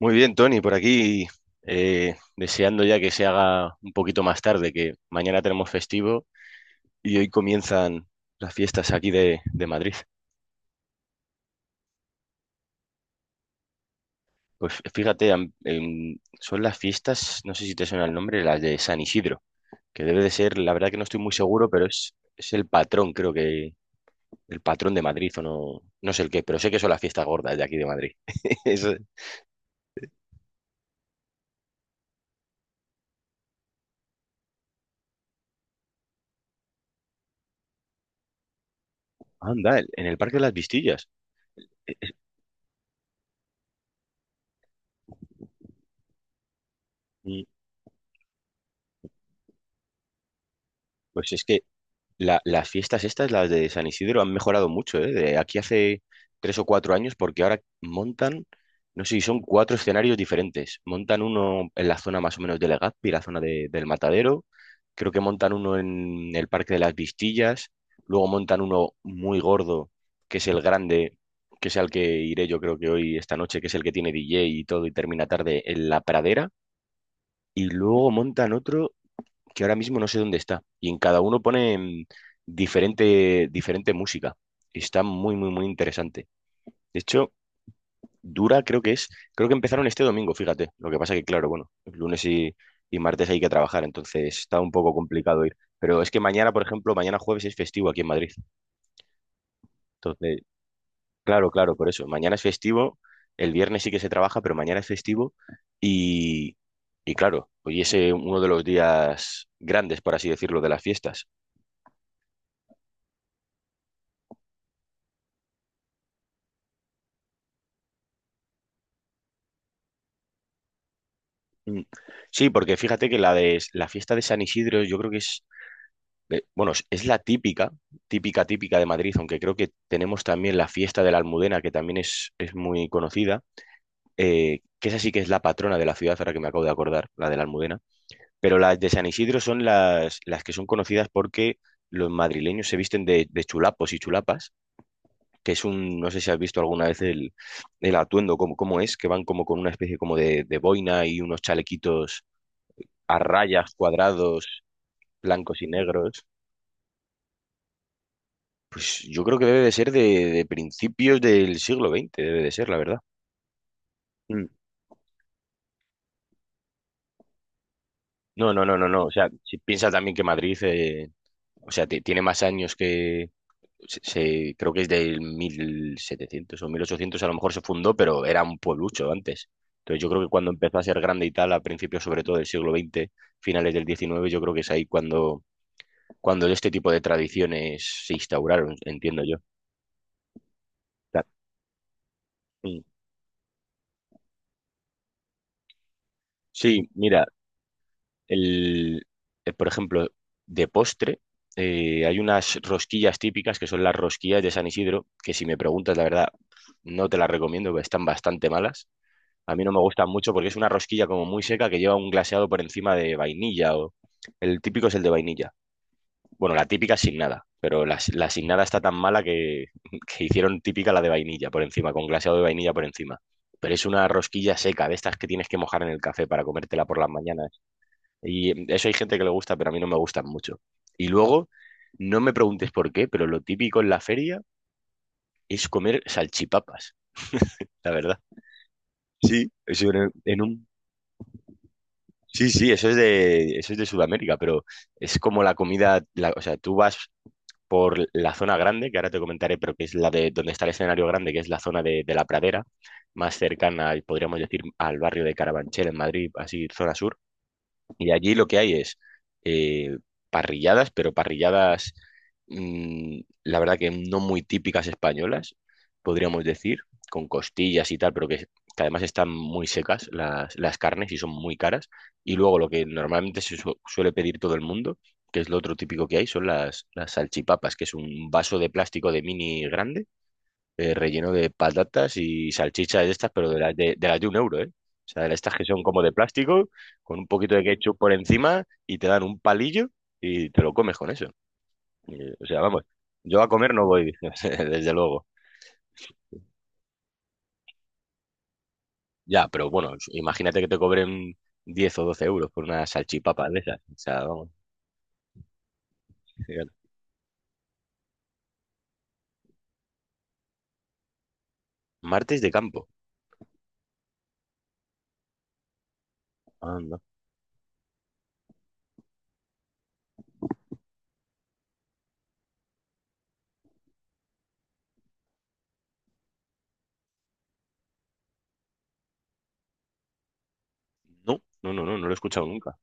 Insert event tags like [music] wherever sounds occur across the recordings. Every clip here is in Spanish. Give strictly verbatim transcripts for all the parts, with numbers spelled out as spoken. Muy bien, Tony, por aquí eh, deseando ya que se haga un poquito más tarde, que mañana tenemos festivo y hoy comienzan las fiestas aquí de, de Madrid. Pues fíjate, am- em, son las fiestas, no sé si te suena el nombre, las de San Isidro, que debe de ser, la verdad que no estoy muy seguro, pero es, es el patrón, creo que el patrón de Madrid o no, no sé el qué, pero sé que son las fiestas gordas de aquí de Madrid. [laughs] Es- anda, en el Parque de las Vistillas. Y, Pues es que La- las fiestas estas, las de San Isidro, han mejorado mucho, ¿eh? De aquí hace tres o cuatro años, porque ahora montan, no sé si son cuatro escenarios diferentes. Montan uno en la zona más o menos de Legazpi, la zona de- del Matadero. Creo que montan uno en el Parque de las Vistillas. Luego montan uno muy gordo, que es el grande, que es al que iré yo creo que hoy, esta noche, que es el que tiene D J y todo y termina tarde en La Pradera. Y luego montan otro que ahora mismo no sé dónde está. Y en cada uno ponen diferente, diferente música. Está muy, muy, muy interesante. De hecho, dura, creo que es, creo que empezaron este domingo, fíjate. Lo que pasa que, claro, bueno, lunes y, y martes hay que trabajar, entonces está un poco complicado ir. Pero es que mañana, por ejemplo, mañana jueves es festivo aquí en Madrid. Entonces, claro, claro, por eso. Mañana es festivo, el viernes sí que se trabaja, pero mañana es festivo y... Y claro, hoy es eh, uno de los días grandes, por así decirlo, de las fiestas. Mm. Sí, porque fíjate que la de la fiesta de San Isidro, yo creo que es, eh, bueno, es es la típica, típica, típica de Madrid, aunque creo que tenemos también la fiesta de la Almudena, que también es, es muy conocida, eh, que esa sí que es la patrona de la ciudad, ahora que me acabo de acordar, la de la Almudena. Pero las de San Isidro son las, las que son conocidas porque los madrileños se visten de, de chulapos y chulapas, que es un, no sé si has visto alguna vez el, el atuendo, cómo, cómo es, que van como con una especie como de, de boina y unos chalequitos a rayas, cuadrados, blancos y negros. Pues yo creo que debe de ser de, de principios del siglo veinte, debe de ser, la verdad. Mm. No, no, no, no, no. O sea, si piensa también que Madrid, eh, o sea, ti- tiene más años. Que... se- se- creo que es del mil setecientos o mil ochocientos a lo mejor se fundó, pero era un pueblucho antes. Entonces yo creo que cuando empezó a ser grande y tal, a principios sobre todo del siglo veinte, finales del diecinueve, yo creo que es ahí cuando, cuando este tipo de tradiciones se instauraron, entiendo yo. Ta- mm. Sí, mira, El, eh, por ejemplo, de postre, eh, hay unas rosquillas típicas que son las rosquillas de San Isidro, que si me preguntas, la verdad, no te las recomiendo, porque están bastante malas. A mí no me gustan mucho porque es una rosquilla como muy seca que lleva un glaseado por encima de vainilla. O... El típico es el de vainilla. Bueno, la típica es sin nada, pero la, la sin nada está tan mala que, [laughs] que hicieron típica la de vainilla por encima, con glaseado de vainilla por encima. Pero es una rosquilla seca, de estas que tienes que mojar en el café para comértela por las mañanas y eso hay gente que le gusta, pero a mí no me gustan mucho. Y luego, no me preguntes por qué, pero lo típico en la feria es comer salchipapas, la verdad. Sí, eso. en, en un... Sí, sí, eso es de, eso es de Sudamérica, pero es como la comida, la- o sea, tú vas por la zona grande, que ahora te comentaré, pero que es la de donde está el escenario grande, que es la zona de, de la Pradera, más cercana, podríamos decir, al barrio de Carabanchel en Madrid, así, zona sur. Y allí lo que hay es eh, parrilladas, pero parrilladas, mm, la verdad que no muy típicas españolas, podríamos decir, con costillas y tal, pero que, que además están muy secas las, las carnes y son muy caras. Y luego lo que normalmente se su- suele pedir todo el mundo, que es lo otro típico que hay, son las, las salchipapas, que es un vaso de plástico de mini grande eh, relleno de patatas y salchichas de estas, pero de las de, de las de un euro, ¿eh? O sea, de estas que son como de plástico, con un poquito de ketchup por encima y te dan un palillo y te lo comes con eso. Eh, o sea, vamos, yo a comer no voy, [laughs] desde luego. Ya, pero bueno, imagínate que te cobren diez o doce euros por una salchipapa de esas. O sea, vamos. Fíjate. Martes de campo. Anda. No, no, no, no, no lo he escuchado nunca.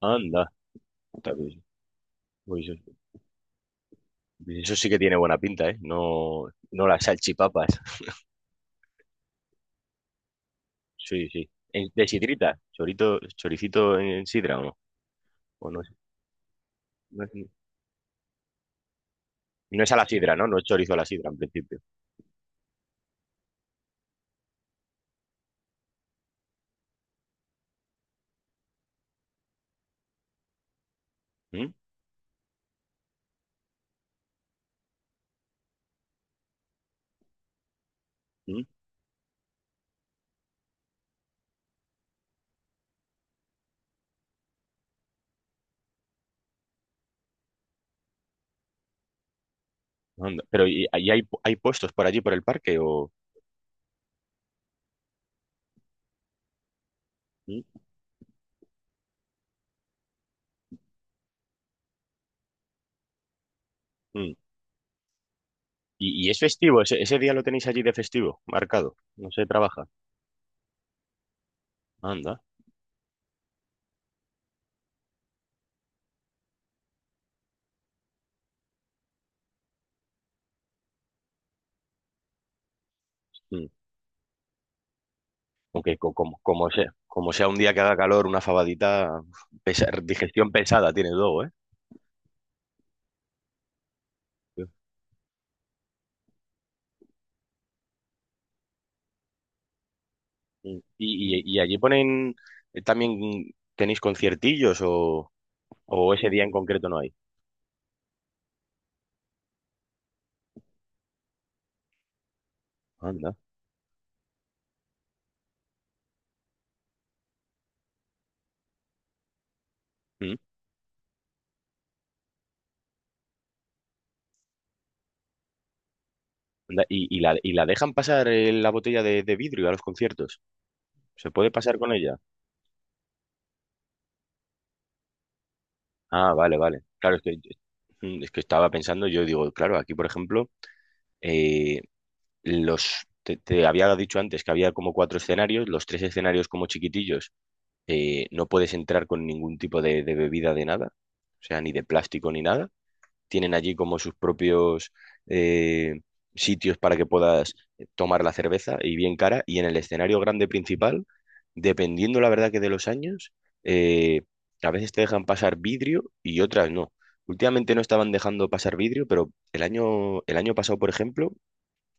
Anda. Puta, Pues, pues eso pues eso sí que tiene buena pinta, ¿eh? No, no las salchipapas. Sí, sí. En- De sidrita, chorito, choricito en sidra, ¿o no? O no, es, no es- no es a la sidra, ¿no? No es chorizo a la sidra, en principio. ¿Mm? ¿Mm? Anda. Pero ¿y, ahí hay, hay puestos por allí, por el parque? O ¿Mm? ¿Mm? ¿Y, y es festivo? ¿Ese, ese día lo tenéis allí de festivo, marcado? No se trabaja. Anda. ¿Mm? Aunque co- como, como sea, como sea un día que haga calor, una fabadita, uf, pesa- digestión pesada tiene luego, ¿eh? ¿Mm? ¿Y, y, y allí ponen eh, también, tenéis conciertillos o...? O ese día en concreto no hay. Anda. Mm. Anda, ¿Y, y la, y la dejan pasar eh, la botella de, de vidrio a los conciertos? ¿Se puede pasar con ella? Ah, vale, vale. Claro, es que, mm, es que estaba pensando, yo digo, claro, aquí, por ejemplo, eh, los, te, te había dicho antes que había como cuatro escenarios, los tres escenarios como chiquitillos, eh, no puedes entrar con ningún tipo de, de bebida de nada, o sea, ni de plástico ni nada. Tienen allí como sus propios eh, sitios para que puedas tomar la cerveza y bien cara. Y en el escenario grande principal, dependiendo la verdad que de los años, eh, a veces te dejan pasar vidrio y otras no. Últimamente no estaban dejando pasar vidrio, pero el año, el año pasado, por ejemplo,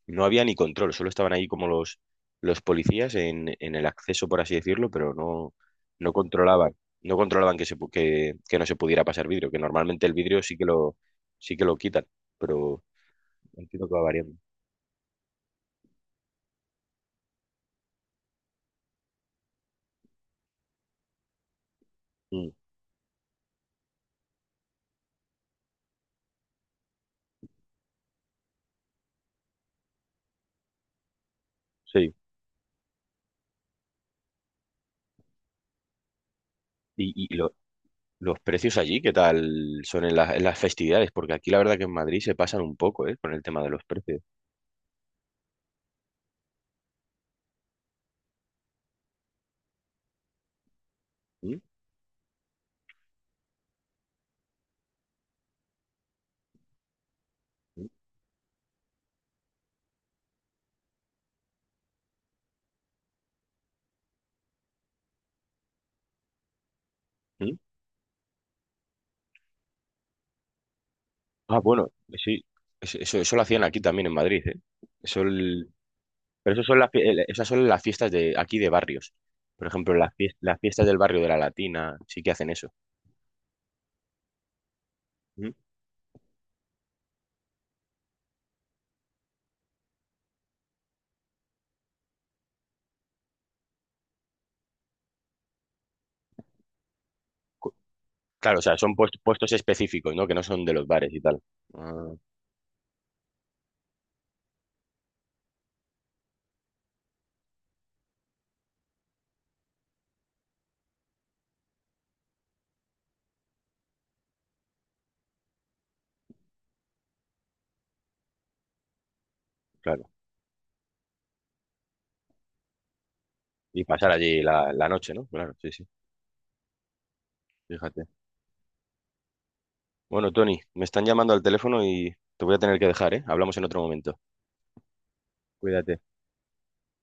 no había ni control, solo estaban ahí como los, los policías en, en el acceso, por así decirlo, pero no, no controlaban, no controlaban que se pu- que, que no se pudiera pasar vidrio, que normalmente el vidrio sí que lo, sí que lo quitan, pero entiendo que va variando. Mm, sí. Y, y lo- los precios allí, ¿qué tal son en, la- en las festividades? Porque aquí la verdad que en Madrid se pasan un poco, ¿eh? Con el tema de los precios. ¿Mm? ¿Mm? ¿Mm? Ah, bueno, sí. Eso, eso, eso lo hacían aquí también en Madrid, ¿eh? Eso Pero eso son las, fie- el- esas son las fiestas de aquí de barrios. Por ejemplo, las, fies- las fiestas del barrio de la Latina sí que hacen eso. ¿Mm? Cu- Claro, o sea, son puest- puestos específicos, ¿no? Que no son de los bares y tal. Ah, claro. Y pasar allí la, la noche, ¿no? Claro, sí, sí. Fíjate. Bueno, Tony, me están llamando al teléfono y te voy a tener que dejar, ¿eh? Hablamos en otro momento. Cuídate.